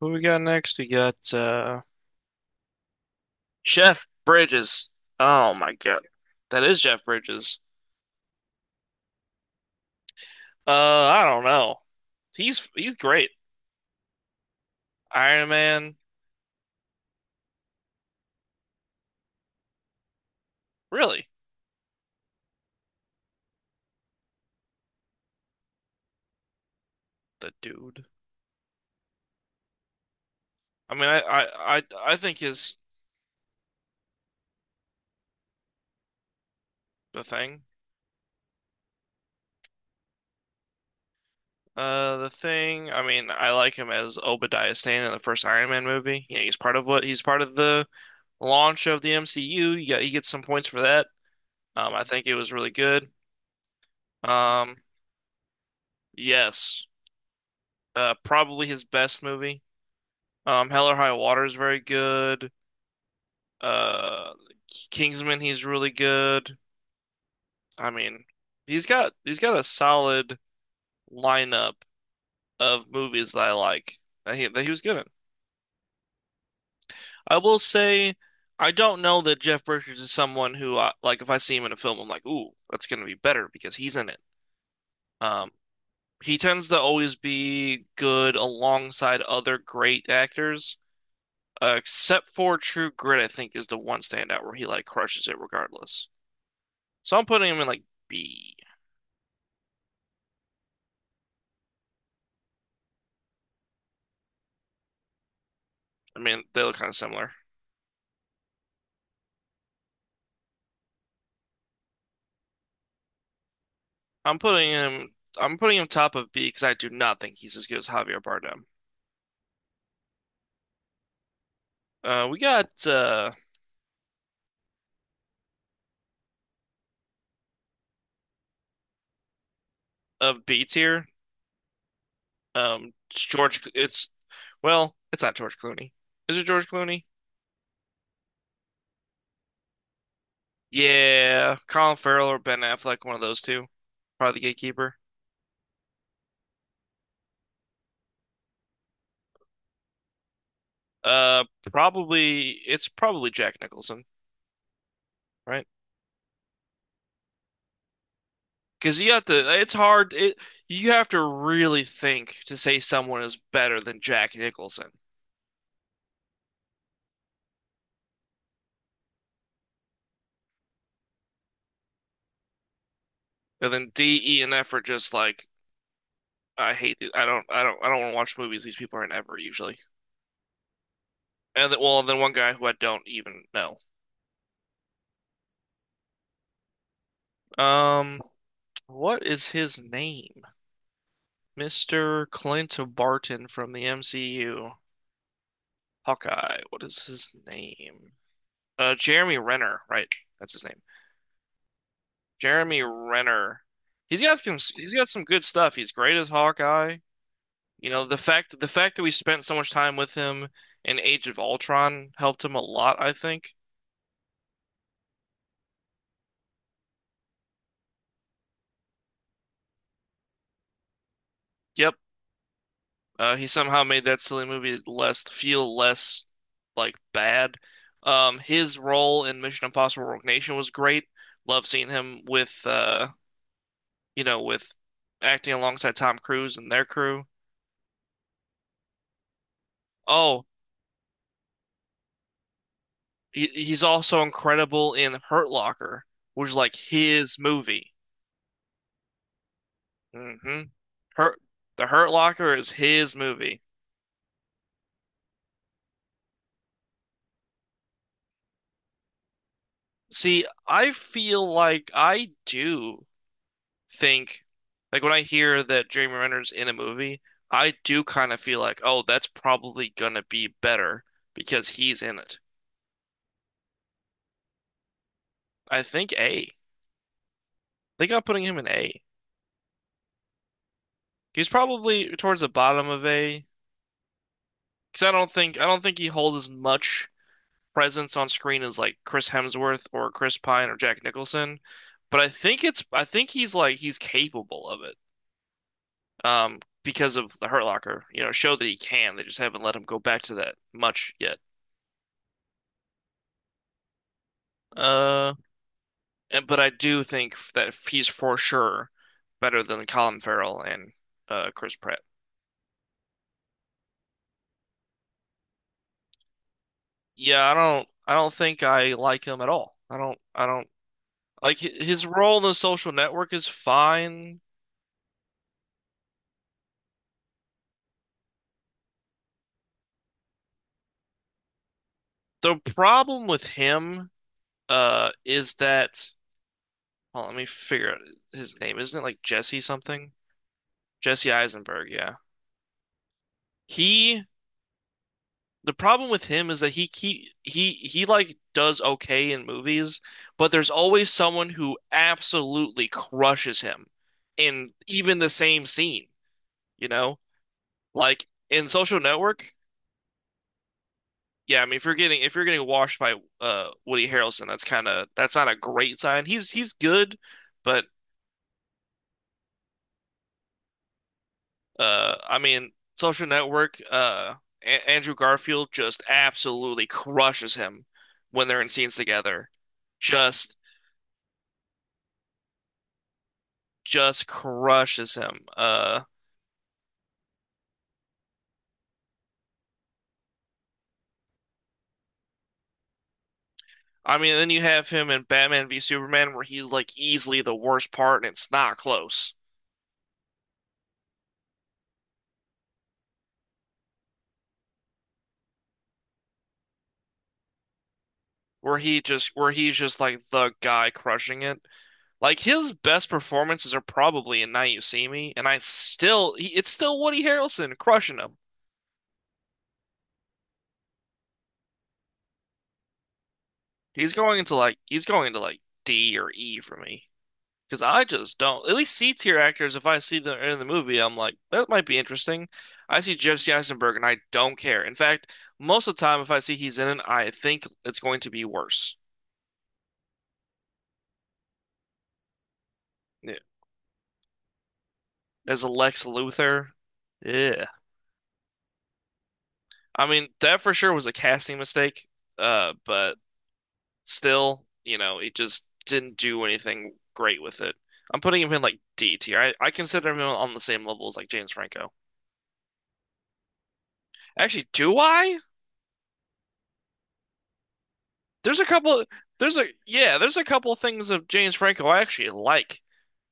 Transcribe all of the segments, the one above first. Who we got next? We got Jeff Bridges. Oh my God. That is Jeff Bridges. Uh, I don't know. He's great. Iron Man, really. The dude. I mean, I think is the thing. The thing. I mean, I like him as Obadiah Stane in the first Iron Man movie. You know, he's part of the launch of the MCU. You got, he gets some points for that. I think it was really good. Um, yes. Probably his best movie. Hell or High Water is very good. Uh, Kingsman, he's really good. I mean, he's got a solid lineup of movies that I like that he was good in. I will say, I don't know that Jeff Bridges is someone who I, like if I see him in a film, I'm like, ooh, that's gonna be better because he's in it. Um, he tends to always be good alongside other great actors, except for True Grit, I think is the one standout where he like crushes it regardless. So I'm putting him in like B. I mean, they look kind of similar. I'm putting him. I'm putting him top of B because I do not think he's as good as Javier Bardem. We got a B tier. George. It's well, it's not George Clooney. Is it George Clooney? Yeah, Colin Farrell or Ben Affleck, one of those two. Probably the gatekeeper. Uh, probably Jack Nicholson, right? Because you have to. It's hard. It you have to really think to say someone is better than Jack Nicholson. And then D, E, and F are just like I hate. These. I don't want to watch movies these people are in ever usually. And then, well, and then one guy who I don't even know. Um, what is his name? Mr. Clint Barton from the MCU. Hawkeye. What is his name? Jeremy Renner. Right, that's his name. Jeremy Renner. He's got some good stuff. He's great as Hawkeye. You know, the fact that we spent so much time with him in Age of Ultron helped him a lot, I think. Yep. He somehow made that silly movie less feel less like bad. His role in Mission Impossible Rogue Nation was great. Love seeing him with you know, with acting alongside Tom Cruise and their crew. Oh, he's also incredible in Hurt Locker, which is like his movie. hmm Hurt, The Hurt Locker is his movie. See, I feel like I do think like when I hear that Jeremy Renner's in a movie, I do kind of feel like, oh, that's probably gonna be better because he's in it. I think A. I'm putting him in A. He's probably towards the bottom of A because I don't think he holds as much presence on screen as like Chris Hemsworth or Chris Pine or Jack Nicholson, but I think he's like he's capable of it. Because of the Hurt Locker, you know, show that he can. They just haven't let him go back to that much yet. Uh, but I do think that he's for sure better than Colin Farrell and Chris Pratt. Yeah, I don't think I like him at all. I don't like his role in The Social Network is fine. The problem with him is that well, let me figure out his name. Isn't it like Jesse something? Jesse Eisenberg, yeah. He The problem with him is that he like does okay in movies, but there's always someone who absolutely crushes him in even the same scene, you know? Like in Social Network, yeah, I mean if you're getting washed by Woody Harrelson, that's kind of that's not a great sign. He's good, but I mean Social Network, a Andrew Garfield just absolutely crushes him when they're in scenes together. Just just crushes him. I mean, then you have him in Batman v Superman, where he's like easily the worst part, and it's not close. Where he's just like the guy crushing it. Like his best performances are probably in Now You See Me, and I still, it's still Woody Harrelson crushing him. He's going into like D or E for me. Because I just don't. At least C tier actors, if I see them in the movie, I'm like, that might be interesting. I see Jesse Eisenberg and I don't care. In fact, most of the time, if I see he's in it, I think it's going to be worse. Yeah. As a Lex Luthor, yeah. I mean, that for sure was a casting mistake. But still, you know, it just didn't do anything great with it. I'm putting him in like D tier. I consider him on the same level as like James Franco. Actually, do I? There's a couple there's a couple things of James Franco I actually like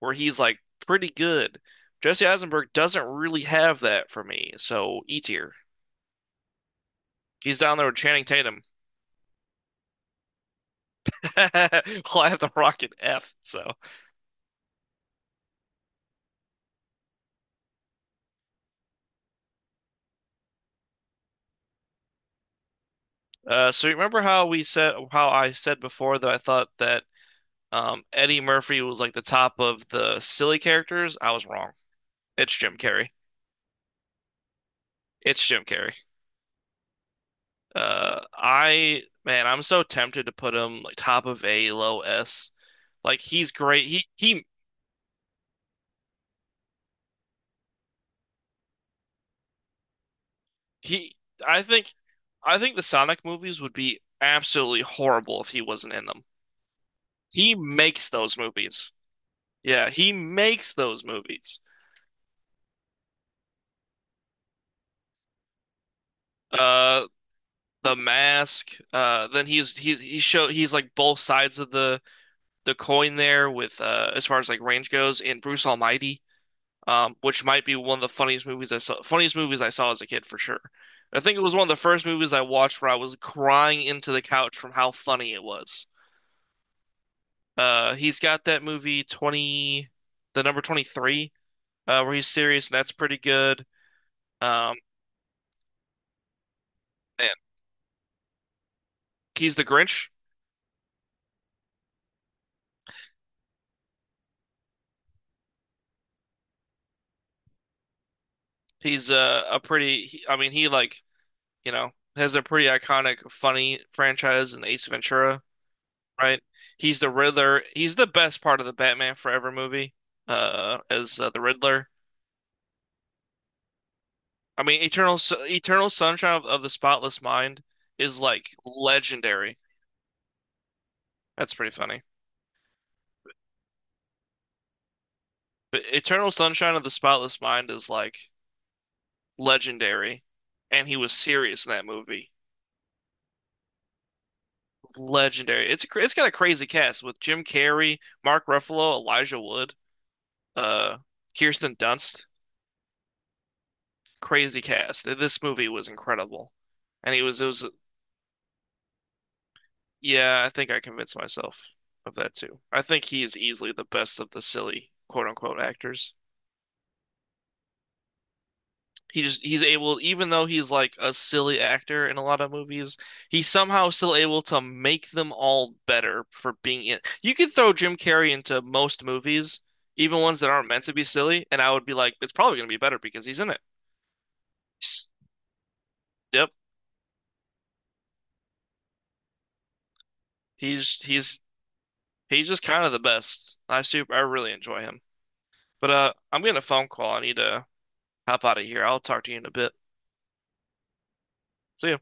where he's like pretty good. Jesse Eisenberg doesn't really have that for me, so E tier. He's down there with Channing Tatum. Well, I have the Rocket F. So, so you remember how we said how I said before that I thought that Eddie Murphy was like the top of the silly characters? I was wrong. It's Jim Carrey. It's Jim Carrey. I man, I'm so tempted to put him like top of A, low S. Like he's great. He he. I think the Sonic movies would be absolutely horrible if he wasn't in them. He makes those movies. Yeah, he makes those movies. Uh, The Mask. Then he's he show he's like both sides of the coin there with as far as like range goes in Bruce Almighty. Which might be one of the funniest movies I saw as a kid for sure. I think it was one of the first movies I watched where I was crying into the couch from how funny it was. He's got that movie 20, the number 23, where he's serious, and that's pretty good. Um, man, he's the Grinch. He's a pretty, he, I mean, you know, has a pretty iconic, funny franchise in Ace Ventura, right? He's the Riddler. He's the best part of the Batman Forever movie, as the Riddler. I mean, Eternal Sunshine of the Spotless Mind is like legendary. That's pretty funny. But Eternal Sunshine of the Spotless Mind is like legendary, and he was serious in that movie. Legendary. It's got a crazy cast with Jim Carrey, Mark Ruffalo, Elijah Wood, uh, Kirsten Dunst. Crazy cast. This movie was incredible, and he was it was yeah. I think I convinced myself of that too. I think he is easily the best of the silly quote unquote actors. He's able, even though he's like a silly actor in a lot of movies, he's somehow still able to make them all better for being in. You could throw Jim Carrey into most movies, even ones that aren't meant to be silly, and I would be like, it's probably gonna be better because he's in it. S- Yep, he's he's just kind of the best. I really enjoy him. But I'm getting a phone call. I need to hop out of here. I'll talk to you in a bit. See ya.